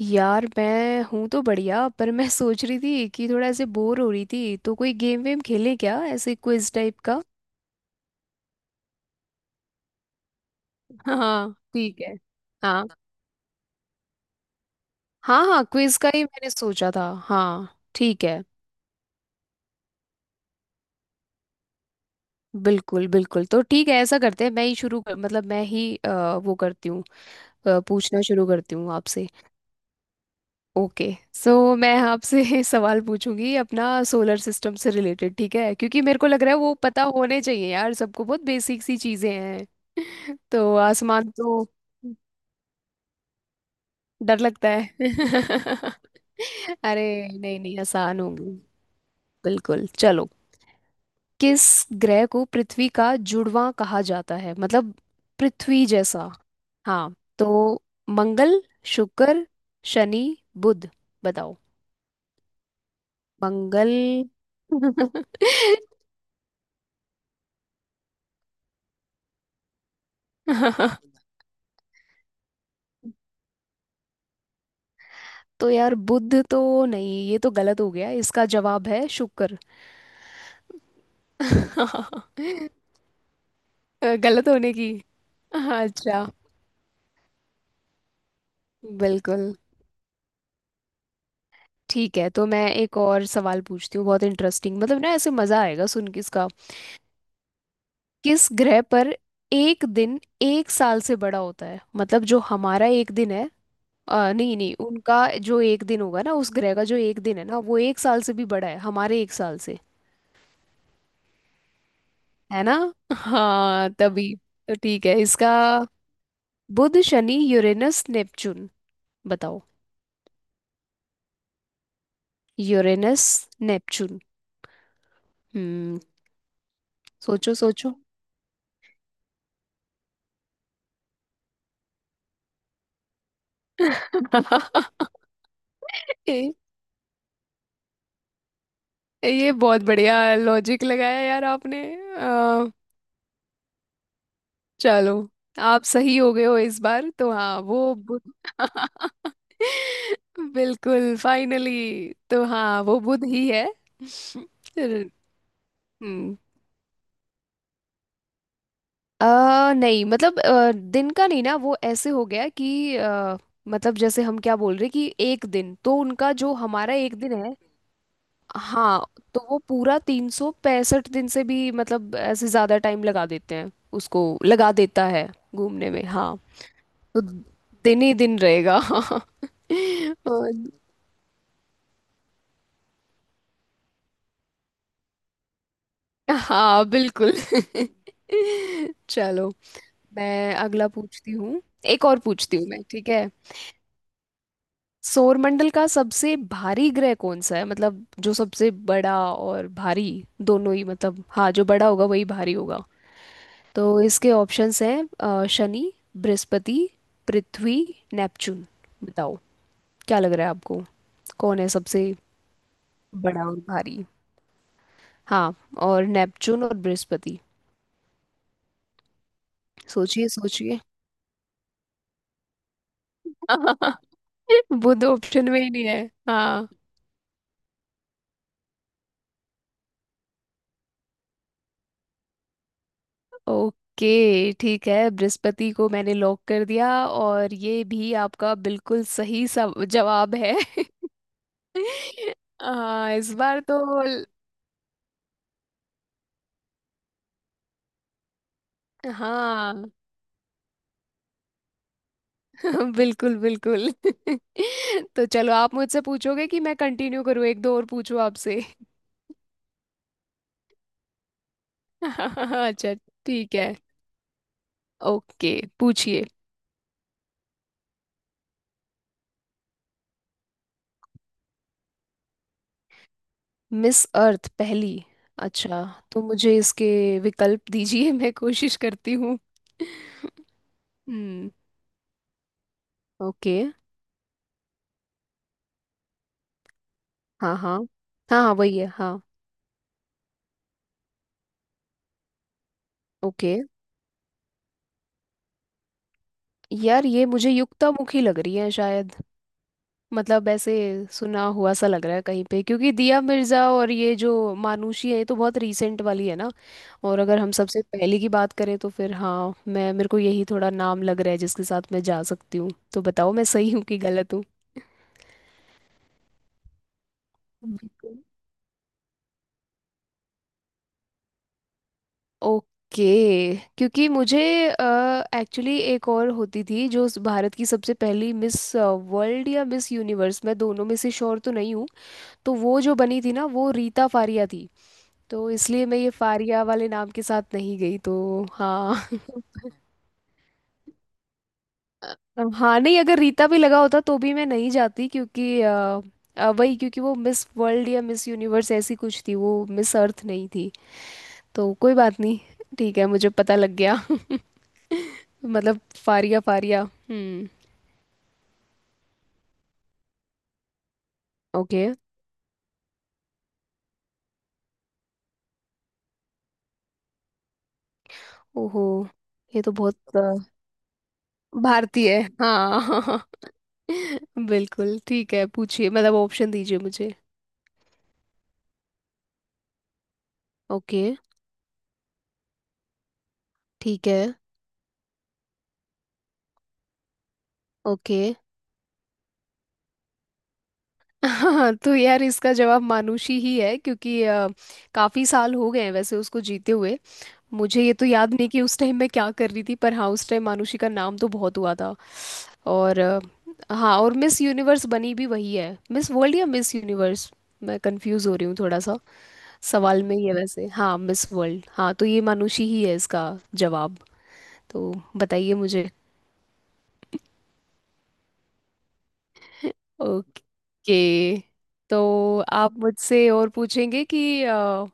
यार मैं हूं तो बढ़िया। पर मैं सोच रही थी कि थोड़ा ऐसे बोर हो रही थी, तो कोई गेम वेम खेलें क्या, ऐसे क्विज टाइप का। हाँ ठीक है। हाँ। हाँ हाँ क्विज का ही मैंने सोचा था। हाँ ठीक है। बिल्कुल बिल्कुल। तो ठीक है, ऐसा करते हैं। मैं ही शुरू कर, मतलब मैं ही वो करती हूँ। पूछना शुरू करती हूँ आपसे। ओके। सो मैं आपसे सवाल पूछूंगी, अपना सोलर सिस्टम से रिलेटेड ठीक है, क्योंकि मेरे को लग रहा है वो पता होने चाहिए यार सबको, बहुत बेसिक सी चीजें हैं। तो आसमान तो। डर लगता है। अरे नहीं नहीं, आसान होंगी। बिल्कुल चलो। किस ग्रह को पृथ्वी का जुड़वां कहा जाता है, मतलब पृथ्वी जैसा। हाँ तो मंगल, शुक्र, शनि, बुध। बताओ। मंगल। तो यार बुध तो नहीं, ये तो गलत हो गया। इसका जवाब है शुक्र। गलत होने की। अच्छा। बिल्कुल। ठीक है, तो मैं एक और सवाल पूछती हूँ, बहुत इंटरेस्टिंग, मतलब ना ऐसे मजा आएगा सुन के इसका। किस ग्रह पर एक दिन एक साल से बड़ा होता है, मतलब जो हमारा एक दिन है। नहीं नहीं, उनका जो एक दिन होगा ना, उस ग्रह का जो एक दिन है ना, वो एक साल से भी बड़ा है हमारे एक साल से। है ना। हाँ तभी। तो ठीक है इसका। बुध, शनि, यूरेनस, नेपच्यून। बताओ। Uranus, Neptune. हम्म। सोचो सोचो। ये ये बहुत बढ़िया लॉजिक लगाया यार आपने। चलो। आप सही हो गए हो इस बार तो। हाँ वो बुध। बिल्कुल फाइनली। तो हाँ वो बुध ही है। हम्म। नहीं मतलब दिन का नहीं ना, वो ऐसे हो गया कि मतलब जैसे हम क्या बोल रहे कि एक दिन तो उनका जो हमारा एक दिन है। हाँ तो वो पूरा 365 दिन से भी, मतलब ऐसे ज़्यादा टाइम लगा देते हैं, उसको लगा देता है घूमने में हाँ। तो दिन ही दिन रहेगा हाँ। और- हाँ बिल्कुल। चलो। मैं अगला पूछती हूँ। एक और पूछती हूँ मैं, ठीक है। सौरमंडल का सबसे भारी ग्रह कौन सा है, मतलब जो सबसे बड़ा और भारी दोनों ही, मतलब हाँ जो बड़ा होगा वही भारी होगा। तो इसके ऑप्शंस हैं शनि, बृहस्पति, पृथ्वी, नेपच्यून। बताओ। क्या लग रहा है आपको, कौन है सबसे बड़ा और भारी, हाँ, और नेपच्यून और बृहस्पति। सोचिए सोचिए। बुध ऑप्शन में ही नहीं है। हाँ। ओके ठीक है, बृहस्पति को मैंने लॉक कर दिया और ये भी आपका बिल्कुल सही सब जवाब है। आ, इस बार तो ल- हाँ। बिल्कुल बिल्कुल। तो चलो, आप मुझसे पूछोगे कि मैं कंटिन्यू करूँ, एक दो और पूछूं आपसे। अच्छा। ठीक है ओके पूछिए। मिस अर्थ पहली। अच्छा। तो मुझे इसके विकल्प दीजिए, मैं कोशिश करती हूँ। हम्म। ओके। हाँ हाँ हाँ हाँ वही है हाँ। ओके। यार ये मुझे युक्तामुखी लग रही है शायद, मतलब ऐसे सुना हुआ सा लग रहा है कहीं पे, क्योंकि दिया मिर्जा और ये जो मानुषी है, ये तो बहुत रीसेंट वाली है ना। और अगर हम सबसे पहले की बात करें तो फिर हाँ, मैं मेरे को यही थोड़ा नाम लग रहा है जिसके साथ मैं जा सकती हूँ। तो बताओ मैं सही हूँ कि गलत हूँ। बिल्कुल। ओके, क्योंकि मुझे एक्चुअली एक और होती थी, जो उस भारत की सबसे पहली मिस वर्ल्ड या मिस यूनिवर्स, मैं दोनों में से श्योर तो नहीं हूँ। तो वो जो बनी थी ना, वो रीता फारिया थी। तो इसलिए मैं ये फारिया वाले नाम के साथ नहीं गई, तो हाँ। हाँ नहीं, अगर रीता भी लगा होता तो भी मैं नहीं जाती, क्योंकि वही, क्योंकि वो मिस वर्ल्ड या मिस यूनिवर्स ऐसी कुछ थी, वो मिस अर्थ नहीं थी। तो कोई बात नहीं। ठीक है, मुझे पता लग गया। मतलब फारिया फारिया हम्म। ओके। ओहो। ये तो बहुत भारतीय है हाँ। बिल्कुल ठीक है, पूछिए, मतलब ऑप्शन दीजिए मुझे। ओके। ठीक है। ओके। हाँ तो यार इसका जवाब मानुषी ही है, क्योंकि काफी साल हो गए हैं वैसे उसको जीते हुए। मुझे ये तो याद नहीं कि उस टाइम मैं क्या कर रही थी, पर हाँ उस टाइम मानुषी का नाम तो बहुत हुआ था। और हाँ, और मिस यूनिवर्स बनी भी वही है, मिस वर्ल्ड या मिस यूनिवर्स, मैं कंफ्यूज हो रही हूँ थोड़ा सा। सवाल में ही है वैसे, हाँ मिस वर्ल्ड, हाँ तो ये मानुषी ही है इसका जवाब। तो बताइए मुझे। ओके। तो आप मुझसे और पूछेंगे कि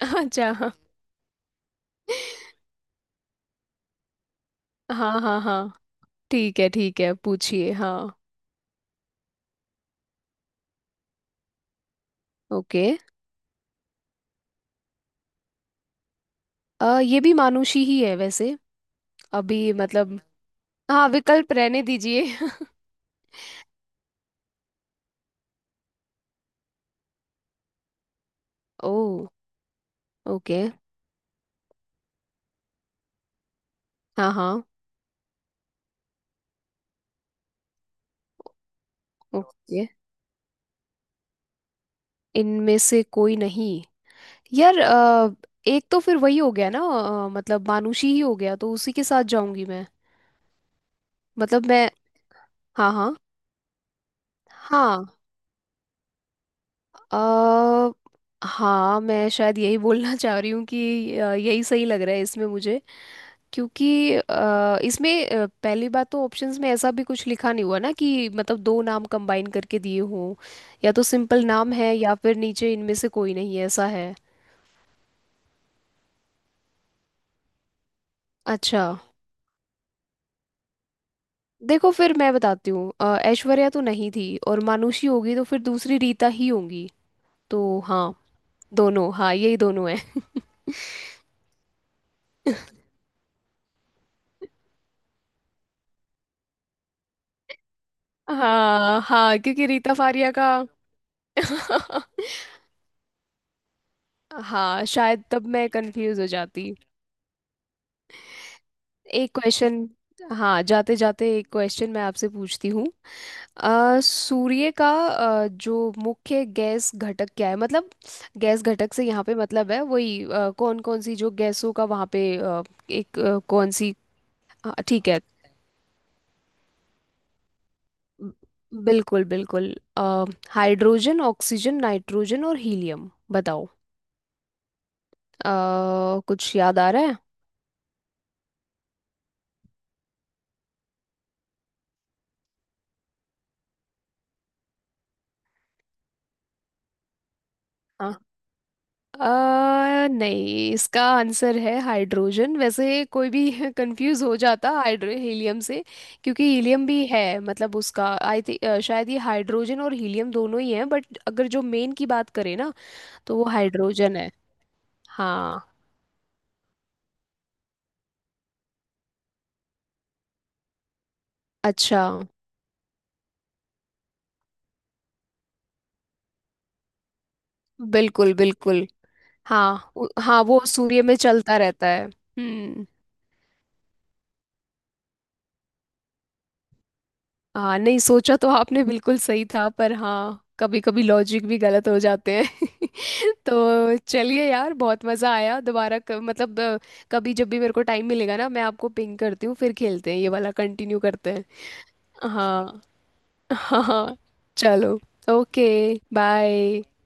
अच्छा हाँ हाँ हाँ हाँ ठीक है ठीक है, पूछिए हाँ। ओके। ये भी मानुषी ही है वैसे, अभी मतलब। हाँ विकल्प रहने दीजिए। ओ ओके। हाँ हाँ। ओके। इनमें से कोई नहीं। यार एक तो फिर वही हो गया ना, मतलब मानुषी ही हो गया, तो उसी के साथ जाऊंगी मैं, मतलब मैं। हाँ हाँ हाँ। अ, हाँ मैं शायद यही बोलना चाह रही हूँ कि यही सही लग रहा है इसमें मुझे। क्योंकि इसमें पहली बात तो ऑप्शंस में ऐसा भी कुछ लिखा नहीं हुआ ना कि मतलब दो नाम कंबाइन करके दिए हों। या तो सिंपल नाम है या फिर नीचे इनमें से कोई नहीं है ऐसा है। अच्छा देखो, फिर मैं बताती हूँ। ऐश्वर्या तो नहीं थी और मानुषी होगी, तो फिर दूसरी रीता ही होगी। तो हाँ दोनों, हाँ यही दोनों है। हाँ हाँ, क्योंकि रीता फारिया का। हाँ शायद तब मैं कंफ्यूज हो जाती। एक क्वेश्चन, हाँ जाते जाते एक क्वेश्चन मैं आपसे पूछती हूँ। सूर्य का जो मुख्य गैस घटक क्या है, मतलब गैस घटक से यहाँ पे मतलब है वही, कौन कौन सी जो गैसों का वहाँ पे एक कौन सी, हाँ ठीक है। ब- बिल्कुल बिल्कुल। अ, हाइड्रोजन, ऑक्सीजन, नाइट्रोजन और हीलियम। बताओ। अ, कुछ याद आ रहा है। नहीं, इसका आंसर है हाइड्रोजन। वैसे कोई भी कंफ्यूज हो जाता हाइड्रो हीलियम से। क्योंकि हीलियम भी है, मतलब उसका। आई थिंक शायद ये हाइड्रोजन और हीलियम दोनों ही हैं, बट अगर जो मेन की बात करें ना, तो वो हाइड्रोजन है। हाँ अच्छा, बिल्कुल बिल्कुल। हाँ हाँ वो सूर्य में चलता रहता है हम्म। हाँ, नहीं सोचा तो आपने बिल्कुल सही था, पर हाँ कभी कभी लॉजिक भी गलत हो जाते हैं। तो चलिए यार, बहुत मज़ा आया दोबारा, मतलब कभी जब भी मेरे को टाइम मिलेगा ना, मैं आपको पिंग करती हूँ, फिर खेलते हैं, ये वाला कंटिन्यू करते हैं। हाँ हाँ हाँ चलो ओके बाय।